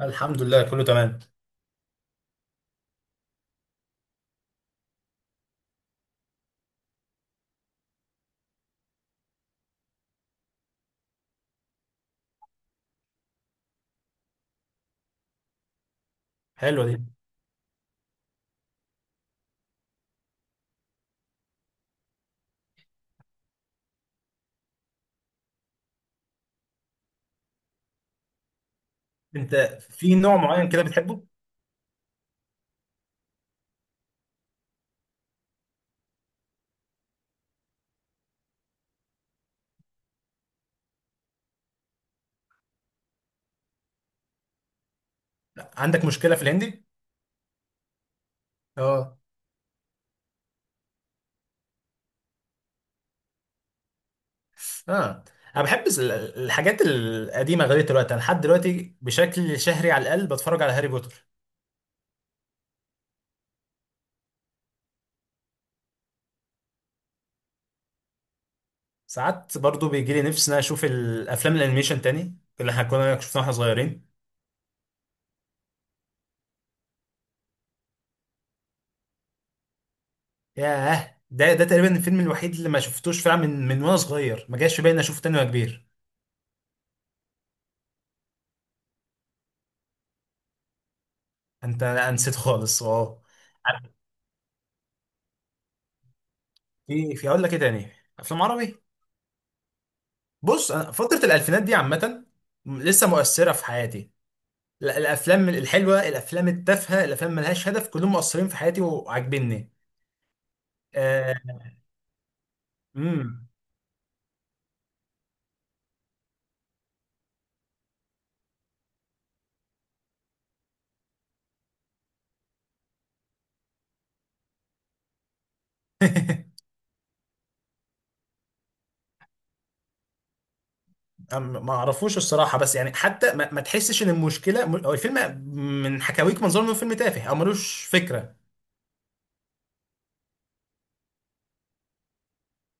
الحمد لله كله تمام. حلوه دي. انت في نوع معين كده بتحبه؟ عندك مشكله في الهندي؟ اه. اه انا بحب الحاجات القديمه لغايه دلوقتي، انا لحد دلوقتي بشكل شهري على الاقل بتفرج على هاري بوتر. ساعات برضو بيجي لي نفسي ان أنا اشوف الافلام الانيميشن تاني اللي احنا كنا شفناها واحنا صغيرين. ياه، ده تقريبا الفيلم الوحيد اللي ما شفتوش فعلا من وانا صغير ما جاش في بالي إني اشوفه تاني وانا كبير. انت أنا نسيت خالص، اه. في اقول لك ايه تاني، افلام عربي. بص، أنا فترة الألفينات دي عامة لسه مؤثرة في حياتي. الأفلام الحلوة، الأفلام التافهة، الأفلام ملهاش هدف، كلهم مؤثرين في حياتي وعاجبني. آه، امم ما اعرفوش الصراحة، بس يعني حتى ما تحسش إن المشكلة هو الفيلم، من حكاويك منظر إنه فيلم تافه أو ملوش فكرة.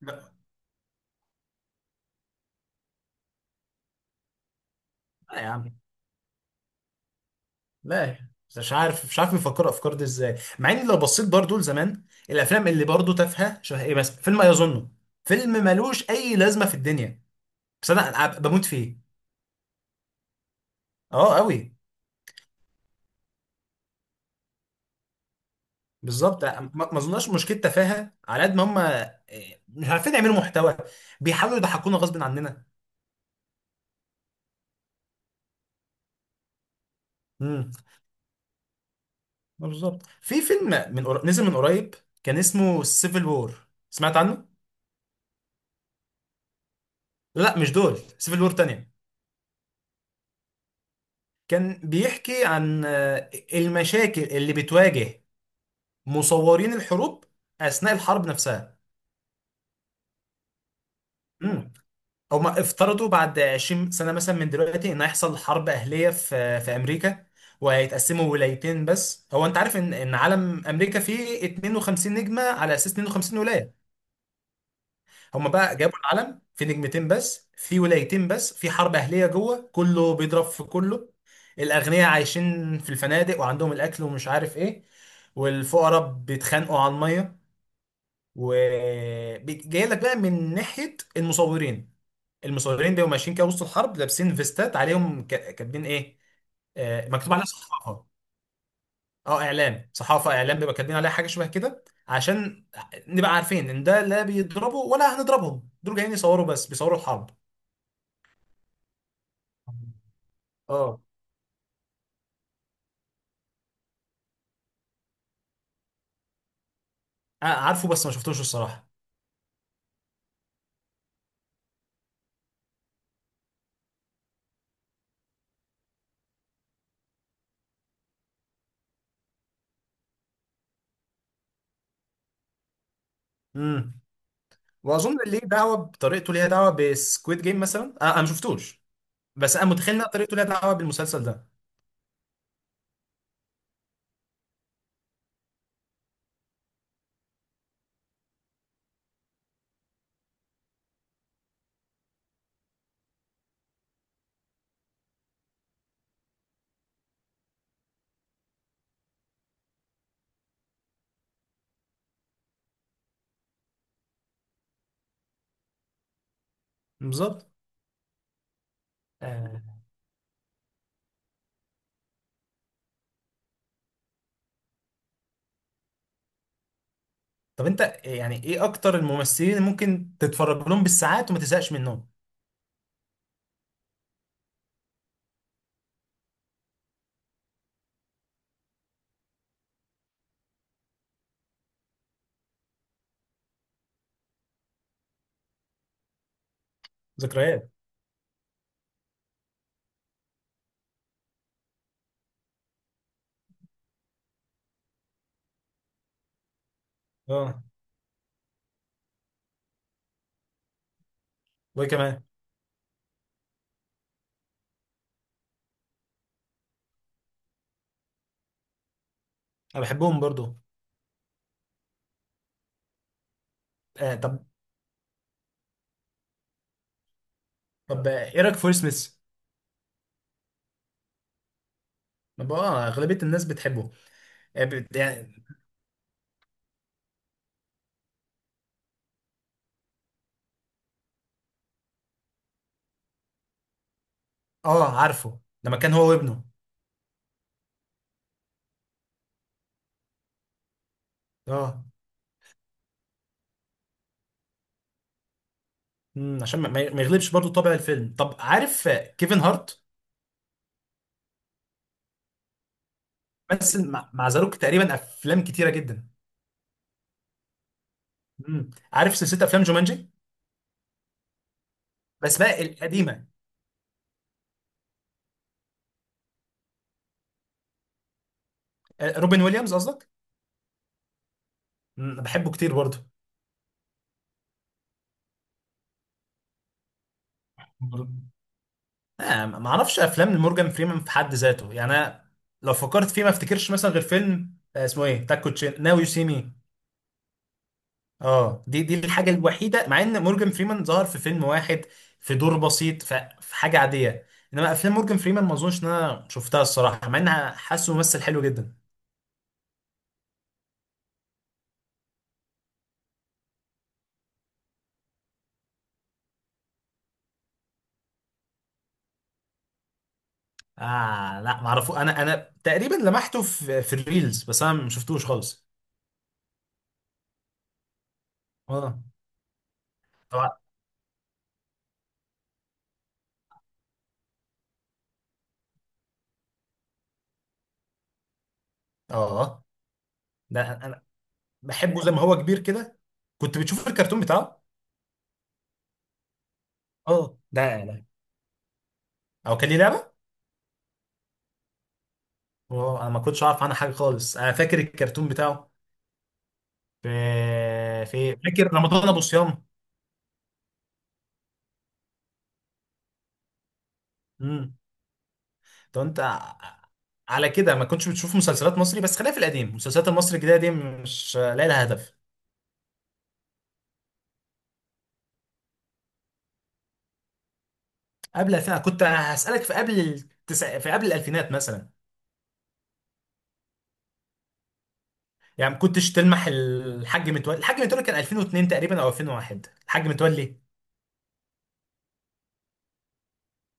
لا. لا يا عم. لا. مش عارف بيفكروا الأفكار دي إزاي. مع إن لو بصيت برضو لزمان، الأفلام اللي برضو تافهة شبه إيه، مثلا فيلم أيظنه، فيلم ملوش أي لازمة في الدنيا، بس أنا بموت فيه. اه قوي. بالظبط، ما اظنش مشكله تفاهه على قد ما هم إيه، مش عارفين يعملوا محتوى، بيحاولوا يضحكونا غصب عننا. امم. بالظبط. في فيلم نزل من قريب، كان اسمه سيفل وور، سمعت عنه؟ لا مش دول، سيفل وور تانية، كان بيحكي عن المشاكل اللي بتواجه مصورين الحروب اثناء الحرب نفسها. هما افترضوا بعد 20 سنة مثلا من دلوقتي ان هيحصل حرب اهلية في امريكا وهيتقسموا ولايتين. بس هو انت عارف ان علم امريكا فيه 52 نجمة على اساس 52 ولاية؟ هما بقى جابوا العلم في نجمتين بس، في ولايتين بس في حرب اهلية جوه، كله بيضرب في كله. الاغنياء عايشين في الفنادق وعندهم الاكل ومش عارف ايه، والفقراء بيتخانقوا على المية. وجاي لك بقى من ناحيه المصورين، المصورين بيبقوا ماشيين كده وسط الحرب لابسين فيستات عليهم كاتبين ايه، مكتوب عليها صحافه. اه اعلام، صحافه، اعلام، بيبقى كاتبين عليها حاجه شبه كده عشان نبقى عارفين ان ده لا بيضربوا ولا هنضربهم، دول جايين يصوروا بس، بيصوروا الحرب. اه. عارفه بس ما شفتوش الصراحه. امم. واظن ليه دعوه، بطريقته ليها دعوه بسكويد جيم مثلا. انا ما شفتوش، بس انا متخيل ان طريقته ليها دعوه بالمسلسل ده. بالظبط. آه. طب انت يعني ايه اكتر الممثلين اللي ممكن تتفرج لهم بالساعات وما تزهقش منهم؟ ذكريات. اه. وايه كمان؟ انا بحبهم برضو. آه طب. طب ايه رايك في ويل سميث؟ ما بقى- اه اغلبيه الناس بتحبه. يعني. اه عارفه، لما كان هو وابنه. اه. عشان ما يغلبش برضو طابع الفيلم. طب عارف كيفن هارت؟ مثل مع ذا روك تقريبا افلام كتيره جدا. امم. عارف سلسله افلام جومانجي؟ بس بقى القديمه. روبن ويليامز قصدك. انا بحبه كتير برضو. ما اعرفش افلام لمورجان فريمان في حد ذاته، يعني انا لو فكرت فيه ما افتكرش مثلا غير فيلم اسمه ايه، تاكو تشين، ناو يو سي مي. اه، دي الحاجه الوحيده، مع ان مورجان فريمان ظهر في فيلم واحد في دور بسيط، في حاجه عاديه. انما افلام مورجان فريمان ما اظنش ان انا شفتها الصراحه، مع انها حاسه ممثل حلو جدا. اه لا ما اعرفه، انا تقريبا لمحته في الريلز، بس انا ما شفتوش خالص. اه. طبعا. اه ده انا أنا بحبه. زي ما هو كبير كده كنت بتشوف الكرتون بتاعه. اه ده يعني. او كان ليه لعبه؟ اه انا ما كنتش اعرف عنها حاجه خالص، انا فاكر الكرتون بتاعه في. في فاكر رمضان ابو صيام. امم. طب انت على كده ما كنتش بتشوف مسلسلات مصري. بس خلينا في القديم، المسلسلات المصري الجديده دي مش لاقي لها هدف. قبل الفين كنت هسالك، في قبل الالفينات مثلا، يعني ما كنتش تلمح الحاج متولي؟ الحاج متولي كان 2002 تقريبا او 2001. الحاج متولي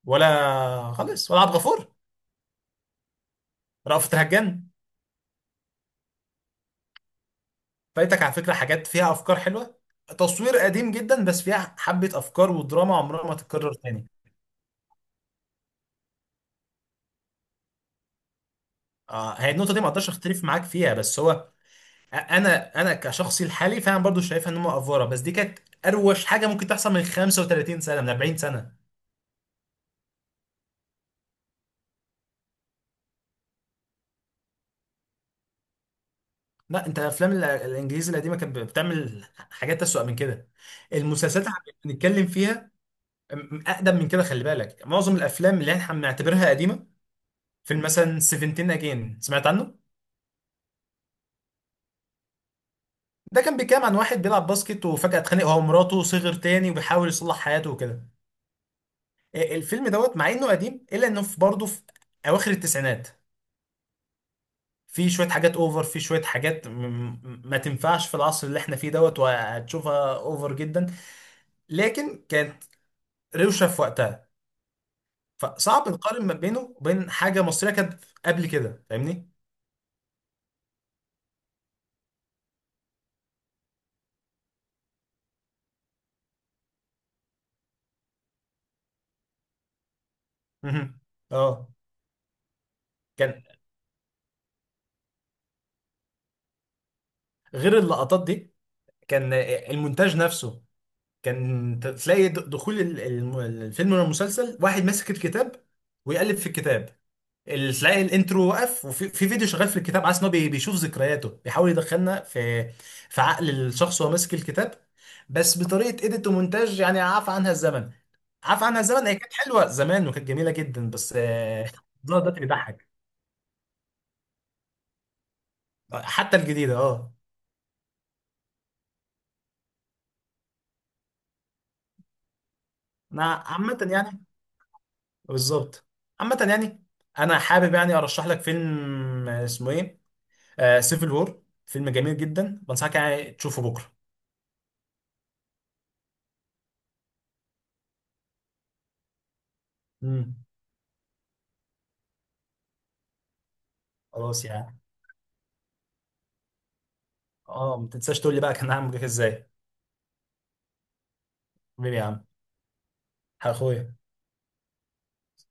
ولا خالص؟ ولا عبد الغفور؟ رأفت الهجان؟ فايتك على فكرة حاجات فيها أفكار حلوة، تصوير قديم جدا بس فيها حبة أفكار ودراما عمرها ما تتكرر تاني. آه هي النقطة دي ما أقدرش أختلف معاك فيها، بس هو أنا كشخصي الحالي فعلا برضو شايفها إن هم أفورة، بس دي كانت أروش حاجة ممكن تحصل من 35 سنة، من 40 سنة. لا، أنت أفلام الإنجليزي القديمة كانت بتعمل حاجات أسوأ من كده. المسلسلات اللي إحنا بنتكلم فيها أقدم من كده، خلي بالك معظم الأفلام اللي إحنا بنعتبرها قديمة، فيلم مثلا 17 أجين، سمعت عنه؟ ده كان بيتكلم عن واحد بيلعب باسكت وفجأة اتخانق هو ومراته، صغر تاني وبيحاول يصلح حياته وكده. إيه، الفيلم دوت مع انه قديم الا انه في برضه في اواخر التسعينات في شوية حاجات اوفر، في شوية حاجات ما تنفعش في العصر اللي احنا فيه دوت، وهتشوفها اوفر جدا. لكن كانت روشة في وقتها. فصعب نقارن ما بينه وبين حاجة مصرية كانت قبل كده. فاهمني؟ مهم. اه. كان غير اللقطات دي، كان المونتاج نفسه كان تلاقي دخول الفيلم ولا المسلسل، واحد ماسك الكتاب ويقلب في الكتاب، تلاقي الانترو واقف وفي في فيديو شغال في الكتاب، عايز ان هو بيشوف ذكرياته، بيحاول يدخلنا في عقل الشخص وهو ماسك الكتاب، بس بطريقه ايديت ومونتاج يعني عفى عنها الزمن. عفى عنها الزمن، هي كانت حلوه زمان وكانت جميله جدا، بس ده دلوقتي بيضحك. حتى الجديده اه. انا عامه يعني. بالظبط. عامه يعني، انا حابب يعني ارشح لك فيلم اسمه ايه، سيفل وور، فيلم جميل جدا، بنصحك يعني تشوفه بكره. امم. خلاص يعني. اه، ما تنساش تقول لي بقى كان عامل معاك ازاي. حبيبي يا عم. اخويا.